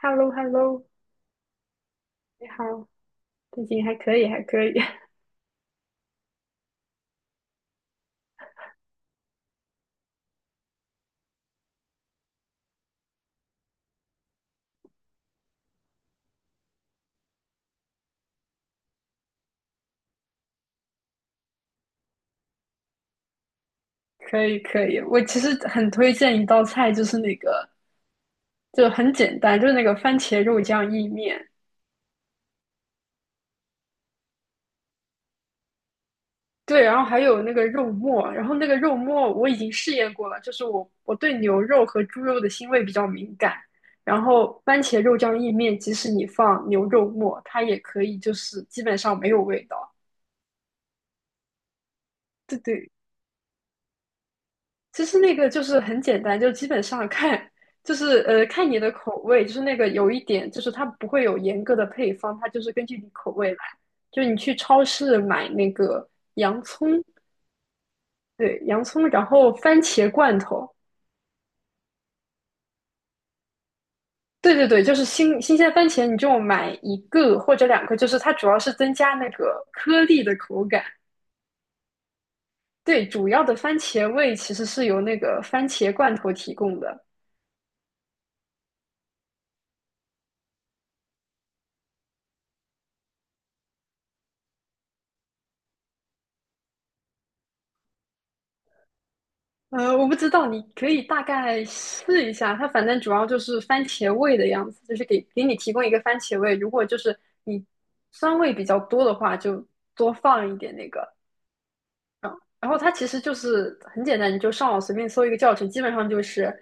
hello hello 你好，最近还可以，还可以。可以，可以。我其实很推荐一道菜，就是那个，就很简单，就是那个番茄肉酱意面。对，然后还有那个肉末，然后那个肉末我已经试验过了，就是我对牛肉和猪肉的腥味比较敏感，然后番茄肉酱意面，即使你放牛肉末，它也可以，就是基本上没有味道。对对，其实那个就是很简单，就基本上看，就是看你的口味，就是那个有一点，就是它不会有严格的配方，它就是根据你口味来。就你去超市买那个洋葱，对，洋葱，然后番茄罐头，对对对，就是新鲜番茄，你就买一个或者两个，就是它主要是增加那个颗粒的口感。对，主要的番茄味其实是由那个番茄罐头提供的。我不知道，你可以大概试一下。它反正主要就是番茄味的样子，就是给你提供一个番茄味。如果就是你酸味比较多的话，就多放一点那个。嗯，然后它其实就是很简单，你就上网随便搜一个教程，基本上就是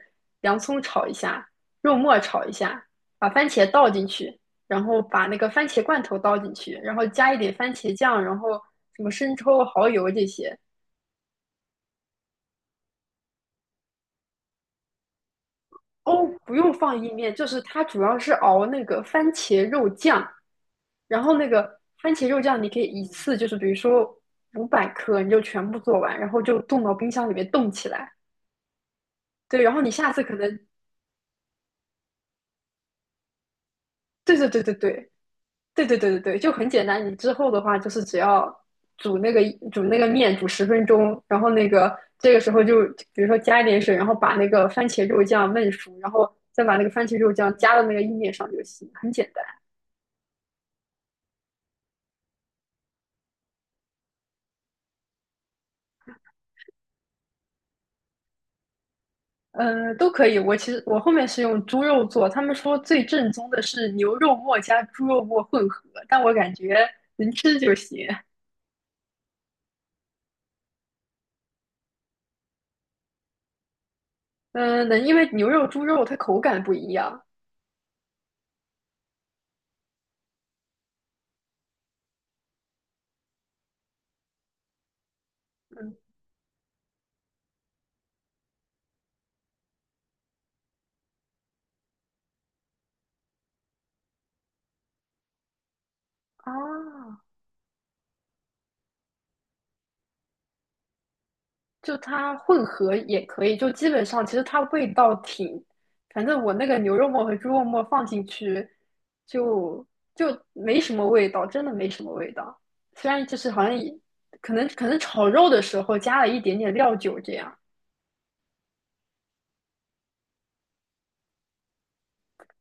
洋葱炒一下，肉末炒一下，把番茄倒进去，然后把那个番茄罐头倒进去，然后加一点番茄酱，然后什么生抽、蚝油这些。哦，不用放意面，就是它主要是熬那个番茄肉酱，然后那个番茄肉酱你可以一次就是比如说500克，你就全部做完，然后就冻到冰箱里面冻起来。对，然后你下次可能，对对对对对对对对对对，就很简单。你之后的话就是只要煮那个煮那个面煮10分钟，然后那个这个时候就比如说加一点水，然后把那个番茄肉酱焖熟，然后再把那个番茄肉酱加到那个意面上就行，很简单。嗯，都可以。我其实我后面是用猪肉做，他们说最正宗的是牛肉末加猪肉末混合，但我感觉能吃就行。嗯、能，因为牛肉、猪肉它口感不一样。嗯啊，就它混合也可以，就基本上其实它味道挺，反正我那个牛肉末和猪肉末放进去就就没什么味道，真的没什么味道。虽然就是好像也可能炒肉的时候加了一点点料酒这样。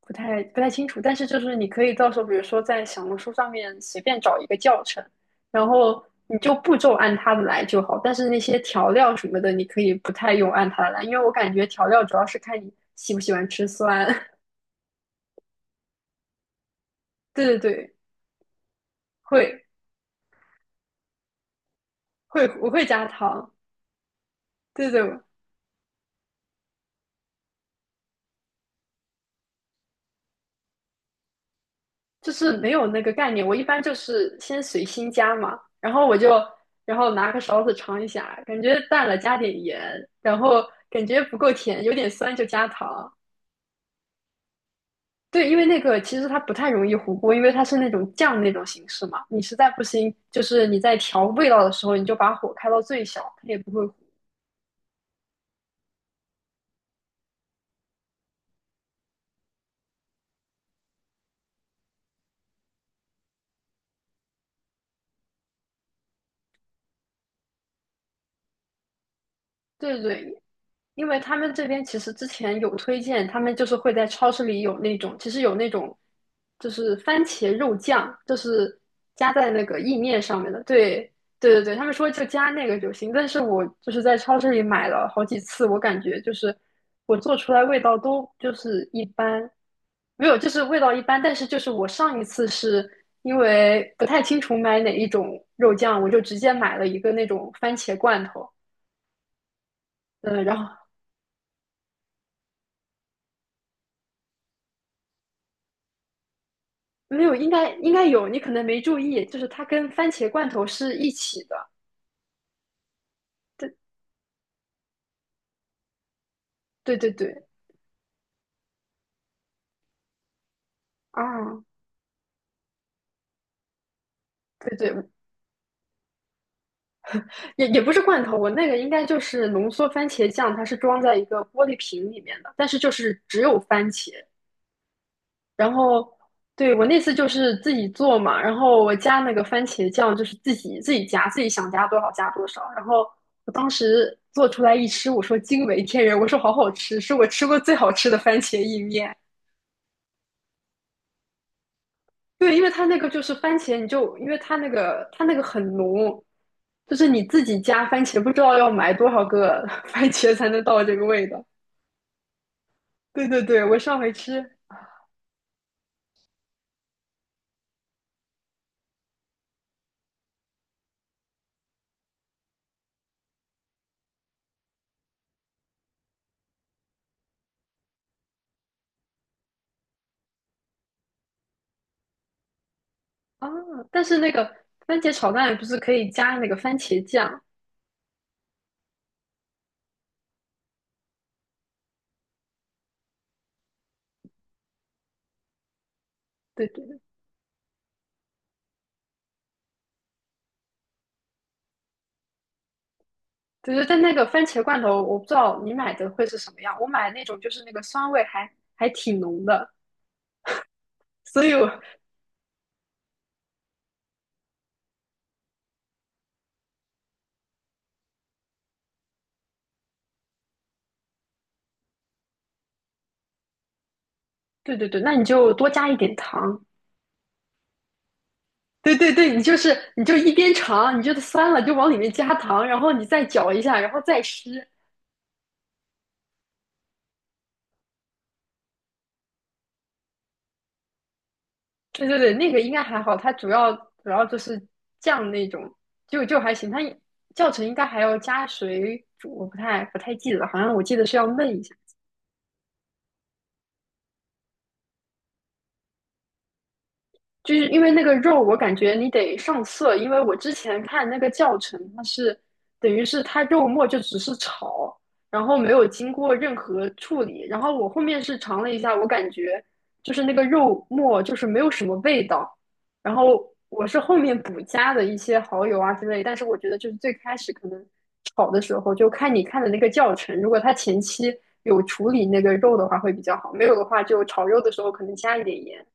不太清楚，但是就是你可以到时候，比如说在小红书上面随便找一个教程，然后你就步骤按它的来就好。但是那些调料什么的，你可以不太用按它的来，因为我感觉调料主要是看你喜不喜欢吃酸。对对对，会我会加糖，对对，就是没有那个概念。我一般就是先随心加嘛，然后我就然后拿个勺子尝一下，感觉淡了加点盐，然后感觉不够甜，有点酸就加糖。对，因为那个其实它不太容易糊锅，因为它是那种酱那种形式嘛。你实在不行，就是你在调味道的时候，你就把火开到最小，它也不会糊。对对对，因为他们这边其实之前有推荐，他们就是会在超市里有那种，其实有那种就是番茄肉酱，就是加在那个意面上面的。对，对对对，他们说就加那个就行。但是我就是在超市里买了好几次，我感觉就是我做出来味道都就是一般，没有，就是味道一般。但是就是我上一次是因为不太清楚买哪一种肉酱，我就直接买了一个那种番茄罐头。嗯，没有，应该有，你可能没注意，就是它跟番茄罐头是一起的。对对对对，啊，对对，也不是罐头，我那个应该就是浓缩番茄酱，它是装在一个玻璃瓶里面的，但是就是只有番茄。然后，对，我那次就是自己做嘛，然后我加那个番茄酱就是自己加，自己想加多少加多少。然后我当时做出来一吃，我说惊为天人，我说好好吃，是我吃过最好吃的番茄意面。对，因为它那个就是番茄，你就因为它那个很浓，就是你自己加番茄，不知道要买多少个 番茄才能到这个味道。对对对，我上回吃啊，但是那个番茄炒蛋不是可以加那个番茄酱？对对对，就是但那个番茄罐头，我不知道你买的会是什么样。我买那种就是那个酸味还挺浓的，所以我对对对，那你就多加一点糖。对对对，你就一边尝，你觉得酸了就往里面加糖，然后你再搅一下，然后再吃。对对对，那个应该还好，它主要就是酱那种，就还行。它教程应该还要加水煮，我不太记得，好像我记得是要焖一下。就是因为那个肉，我感觉你得上色，因为我之前看那个教程，它是等于是它肉末就只是炒，然后没有经过任何处理。然后我后面是尝了一下，我感觉就是那个肉末就是没有什么味道。然后我是后面补加的一些蚝油啊之类，但是我觉得就是最开始可能炒的时候，就看你看的那个教程，如果它前期有处理那个肉的话会比较好，没有的话就炒肉的时候可能加一点盐。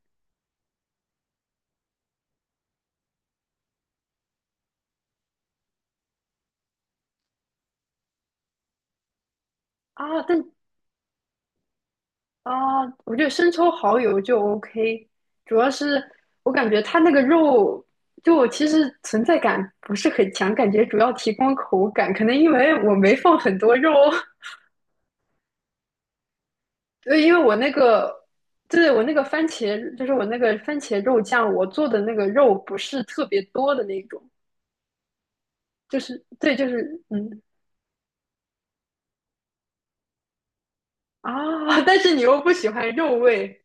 啊，我觉得生抽、蚝油就 OK，主要是我感觉它那个肉就我其实存在感不是很强，感觉主要提供口感，可能因为我没放很多肉，对，因为我那个，对，我那个番茄，就是我那个番茄肉酱，我做的那个肉不是特别多的那种，就是对，就是嗯但是你又不喜欢肉味，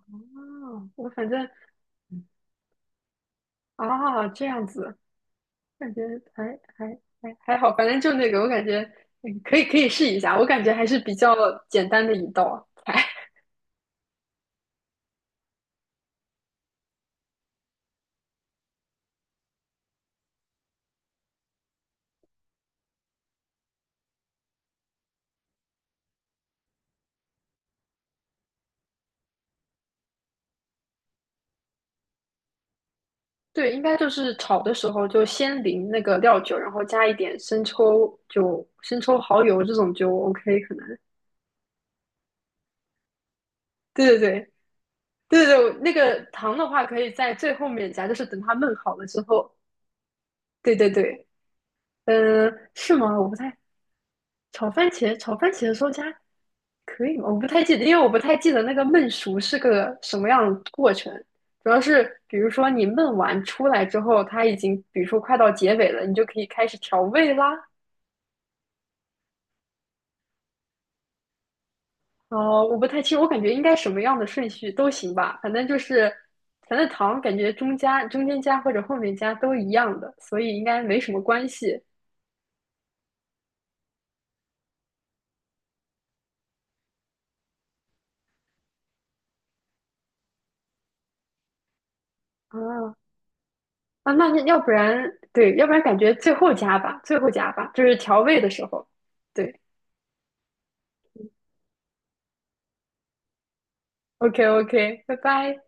啊，我反正啊这样子。感觉还还还好，反正就那个，我感觉可以试一下，我感觉还是比较简单的一道啊。对，应该就是炒的时候就先淋那个料酒，然后加一点生抽，就生抽、蚝油这种就 OK，可能。对对对对对对，那个糖的话可以在最后面加，就是等它焖好了之后。对对对，嗯、是吗？我不太，炒番茄的时候加。可以吗？我不太记得，因为我不太记得那个焖熟是个什么样的过程。主要是，比如说你焖完出来之后，它已经，比如说快到结尾了，你就可以开始调味啦。哦，我不太清，我感觉应该什么样的顺序都行吧，反正就是，反正糖感觉中间加或者后面加都一样的，所以应该没什么关系。啊啊，那要不然对，要不然感觉最后加吧，最后加吧，就是调味的时候。对，OK OK，拜拜。